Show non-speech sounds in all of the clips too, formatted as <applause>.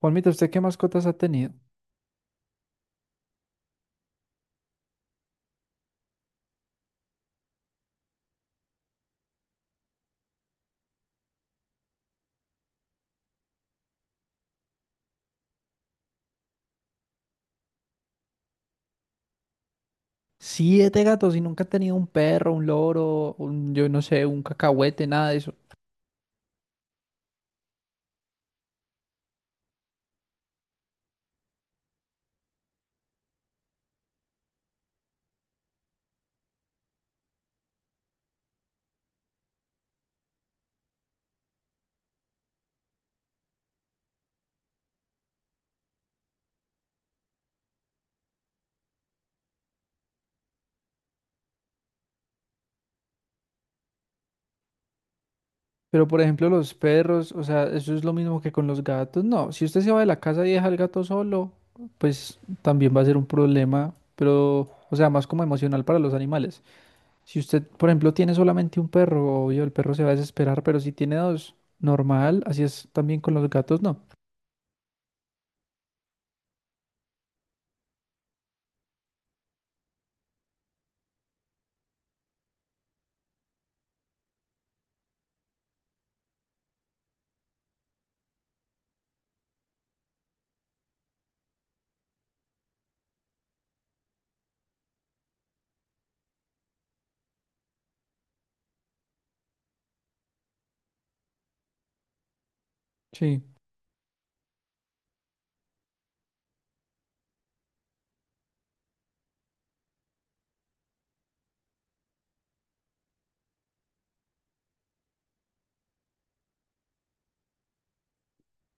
Juanmita, ¿usted qué mascotas ha tenido? Siete gatos y nunca ha tenido un perro, un loro, yo no sé, un cacahuete, nada de eso. Pero por ejemplo, los perros, o sea, eso es lo mismo que con los gatos. No, si usted se va de la casa y deja al gato solo, pues también va a ser un problema, pero, o sea, más como emocional para los animales. Si usted, por ejemplo, tiene solamente un perro, obvio, el perro se va a desesperar, pero si tiene dos, normal, así es también con los gatos, no. Sí,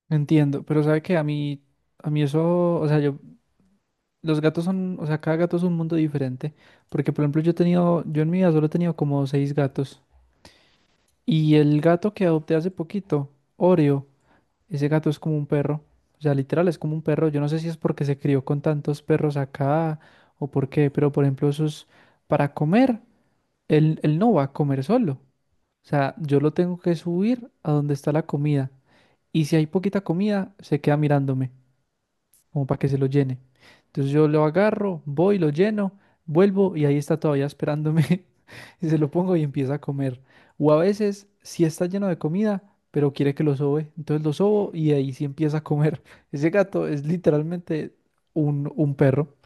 entiendo, pero sabe que a mí eso, o sea, yo los gatos son, o sea, cada gato es un mundo diferente, porque por ejemplo yo en mi vida solo he tenido como seis gatos, y el gato que adopté hace poquito, Oreo, ese gato es como un perro, o sea, literal es como un perro. Yo no sé si es porque se crió con tantos perros acá o por qué, pero por ejemplo para comer, él no va a comer solo, o sea, yo lo tengo que subir a donde está la comida, y si hay poquita comida, se queda mirándome como para que se lo llene. Entonces yo lo agarro, voy, lo lleno, vuelvo y ahí está todavía esperándome <laughs> y se lo pongo y empieza a comer. O a veces sí está lleno de comida, pero quiere que lo sobe, entonces lo sobo y ahí sí empieza a comer. <laughs> Ese gato es literalmente un perro.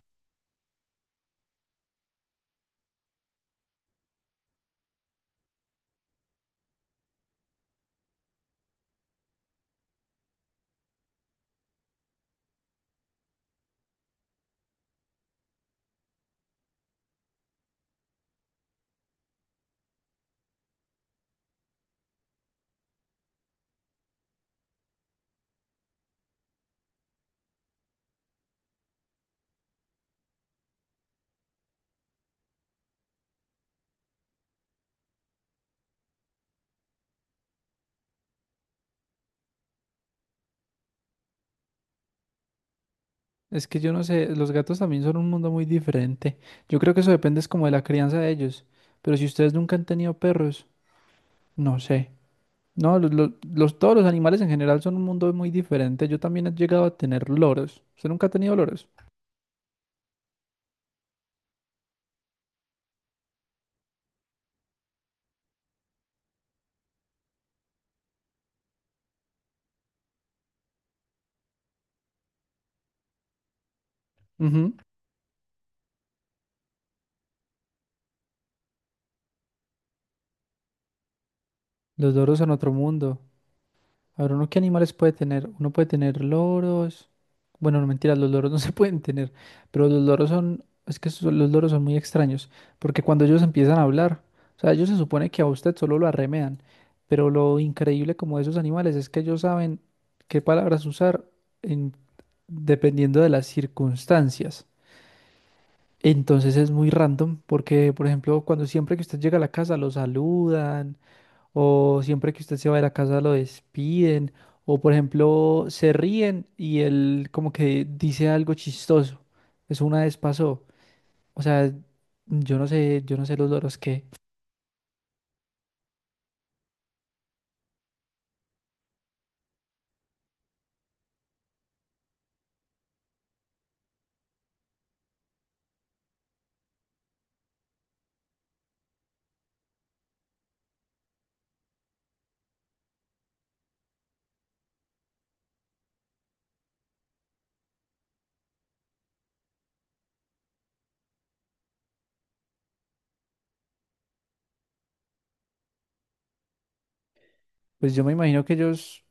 Es que yo no sé, los gatos también son un mundo muy diferente. Yo creo que eso depende es como de la crianza de ellos. Pero si ustedes nunca han tenido perros, no sé. No, todos los animales en general son un mundo muy diferente. Yo también he llegado a tener loros. ¿Usted nunca ha tenido loros? Ujú. Los loros son otro mundo. A ver, ¿uno qué animales puede tener? Uno puede tener loros. Bueno, no mentiras, los loros <laughs> no se pueden tener. Pero los loros son. Es que los loros son muy extraños. Porque cuando ellos empiezan a hablar, o sea, ellos se supone que a usted solo lo arremedan. Pero lo increíble como de esos animales es que ellos saben qué palabras usar en- dependiendo de las circunstancias. Entonces es muy random porque, por ejemplo, cuando siempre que usted llega a la casa lo saludan o siempre que usted se va de la casa lo despiden o, por ejemplo, se ríen y él como que dice algo chistoso. Eso una vez pasó. O sea, yo no sé los loros qué, pues yo me imagino que ellos,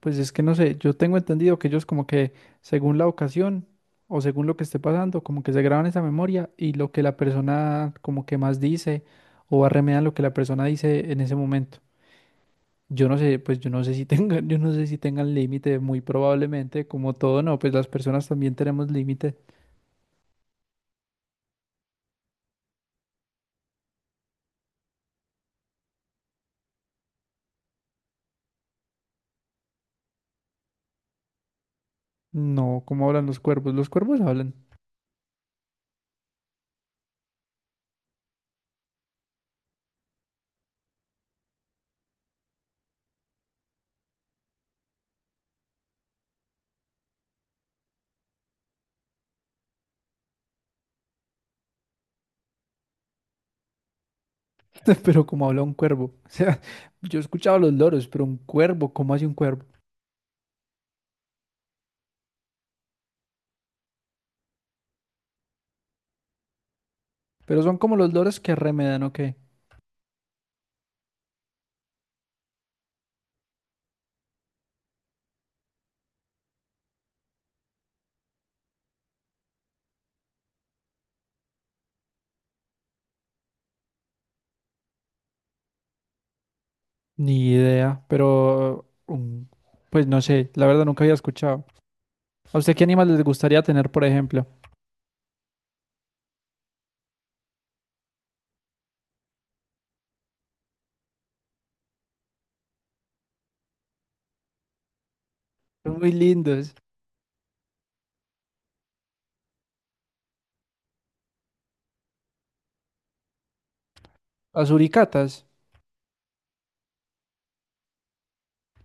pues es que no sé, yo tengo entendido que ellos como que según la ocasión o según lo que esté pasando, como que se graban esa memoria y lo que la persona como que más dice o arremedan lo que la persona dice en ese momento. Yo no sé, pues yo no sé si tengan, <laughs> yo no sé si tengan límite, muy probablemente, como todo, no, pues las personas también tenemos límite. No, ¿cómo hablan los cuervos? Los cuervos hablan, <laughs> pero ¿cómo habla un cuervo? <laughs> O sea, yo he escuchado a los loros, pero un cuervo, ¿cómo hace un cuervo? Pero son como los loros que arremedan, ¿o qué? Ni idea, pero pues no sé, la verdad nunca había escuchado. ¿A usted qué animales les gustaría tener, por ejemplo? Son muy lindos. Las uricatas.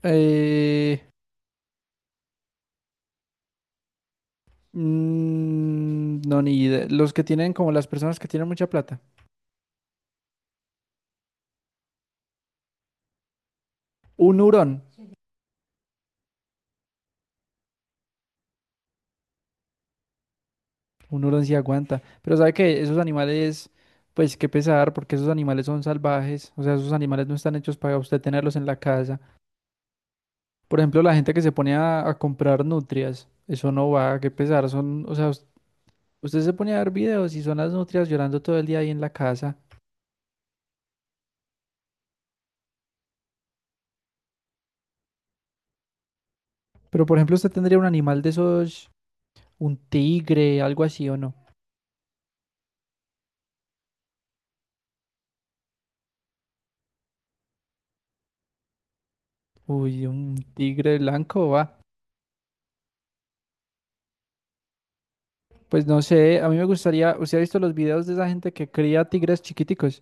Eh, no, ni idea. Los que tienen, como las personas que tienen mucha plata. Un hurón. Un hurón sí aguanta. Pero sabe que esos animales, pues qué pesar, porque esos animales son salvajes. O sea, esos animales no están hechos para usted tenerlos en la casa. Por ejemplo, la gente que se pone a comprar nutrias. Eso no va, qué pesar. O sea, usted se pone a ver videos y son las nutrias llorando todo el día ahí en la casa. Pero, por ejemplo, usted tendría un animal de esos, un tigre, algo así o no. Uy, un tigre blanco, va. Pues no sé, a mí me gustaría. ¿Usted ha visto los videos de esa gente que cría tigres chiquiticos?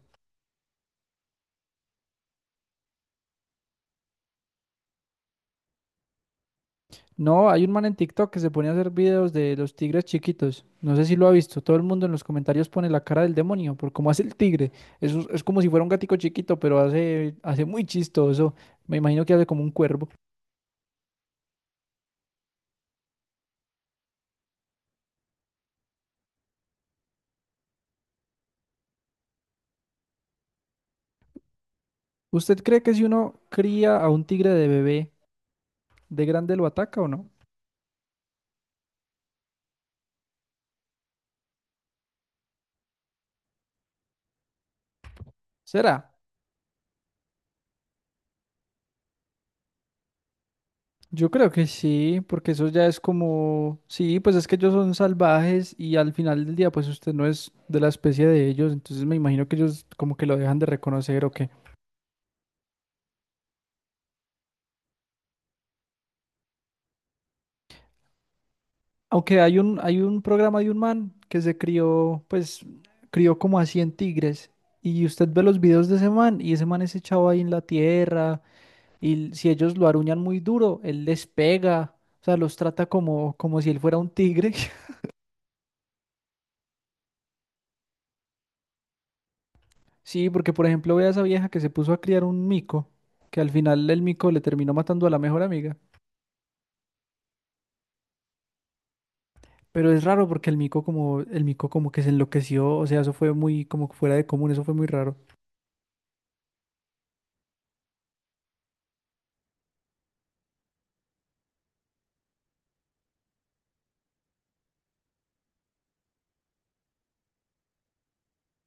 No, hay un man en TikTok que se pone a hacer videos de los tigres chiquitos. No sé si lo ha visto. Todo el mundo en los comentarios pone la cara del demonio por cómo hace el tigre. Es como si fuera un gatico chiquito, pero hace, hace muy chistoso. Me imagino que hace como un cuervo. ¿Usted cree que si uno cría a un tigre de bebé, de grande lo ataca o no? ¿Será? Yo creo que sí, porque eso ya es como, sí, pues es que ellos son salvajes y al final del día, pues usted no es de la especie de ellos, entonces me imagino que ellos como que lo dejan de reconocer o qué. Aunque hay un, programa de un man que se crió, pues crió como a 100 tigres y usted ve los videos de ese man y ese man es echado ahí en la tierra. Y si ellos lo aruñan muy duro, él les pega, o sea, los trata como si él fuera un tigre. <laughs> Sí, porque por ejemplo ve a esa vieja que se puso a criar un mico, que al final el mico le terminó matando a la mejor amiga. Pero es raro porque el mico como que se enloqueció, o sea, eso fue muy como que fuera de común, eso fue muy raro.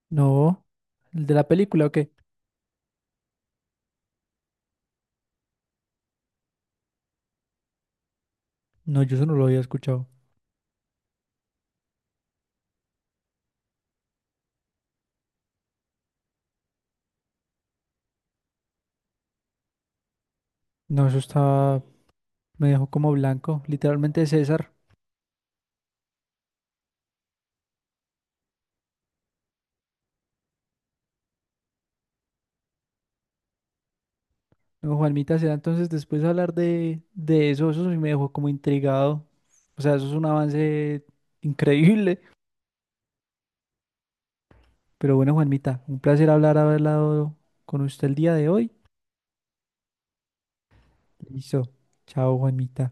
No, el de la película, ¿o qué? No, yo eso no lo había escuchado. No, eso está, me dejó como blanco, literalmente, César. No, Juanmita, será entonces después hablar de eso, eso sí me dejó como intrigado. O sea, eso es un avance increíble. Pero bueno, Juanmita, un placer hablar, haber hablado con usted el día de hoy. Listo. Chao, Juanmita.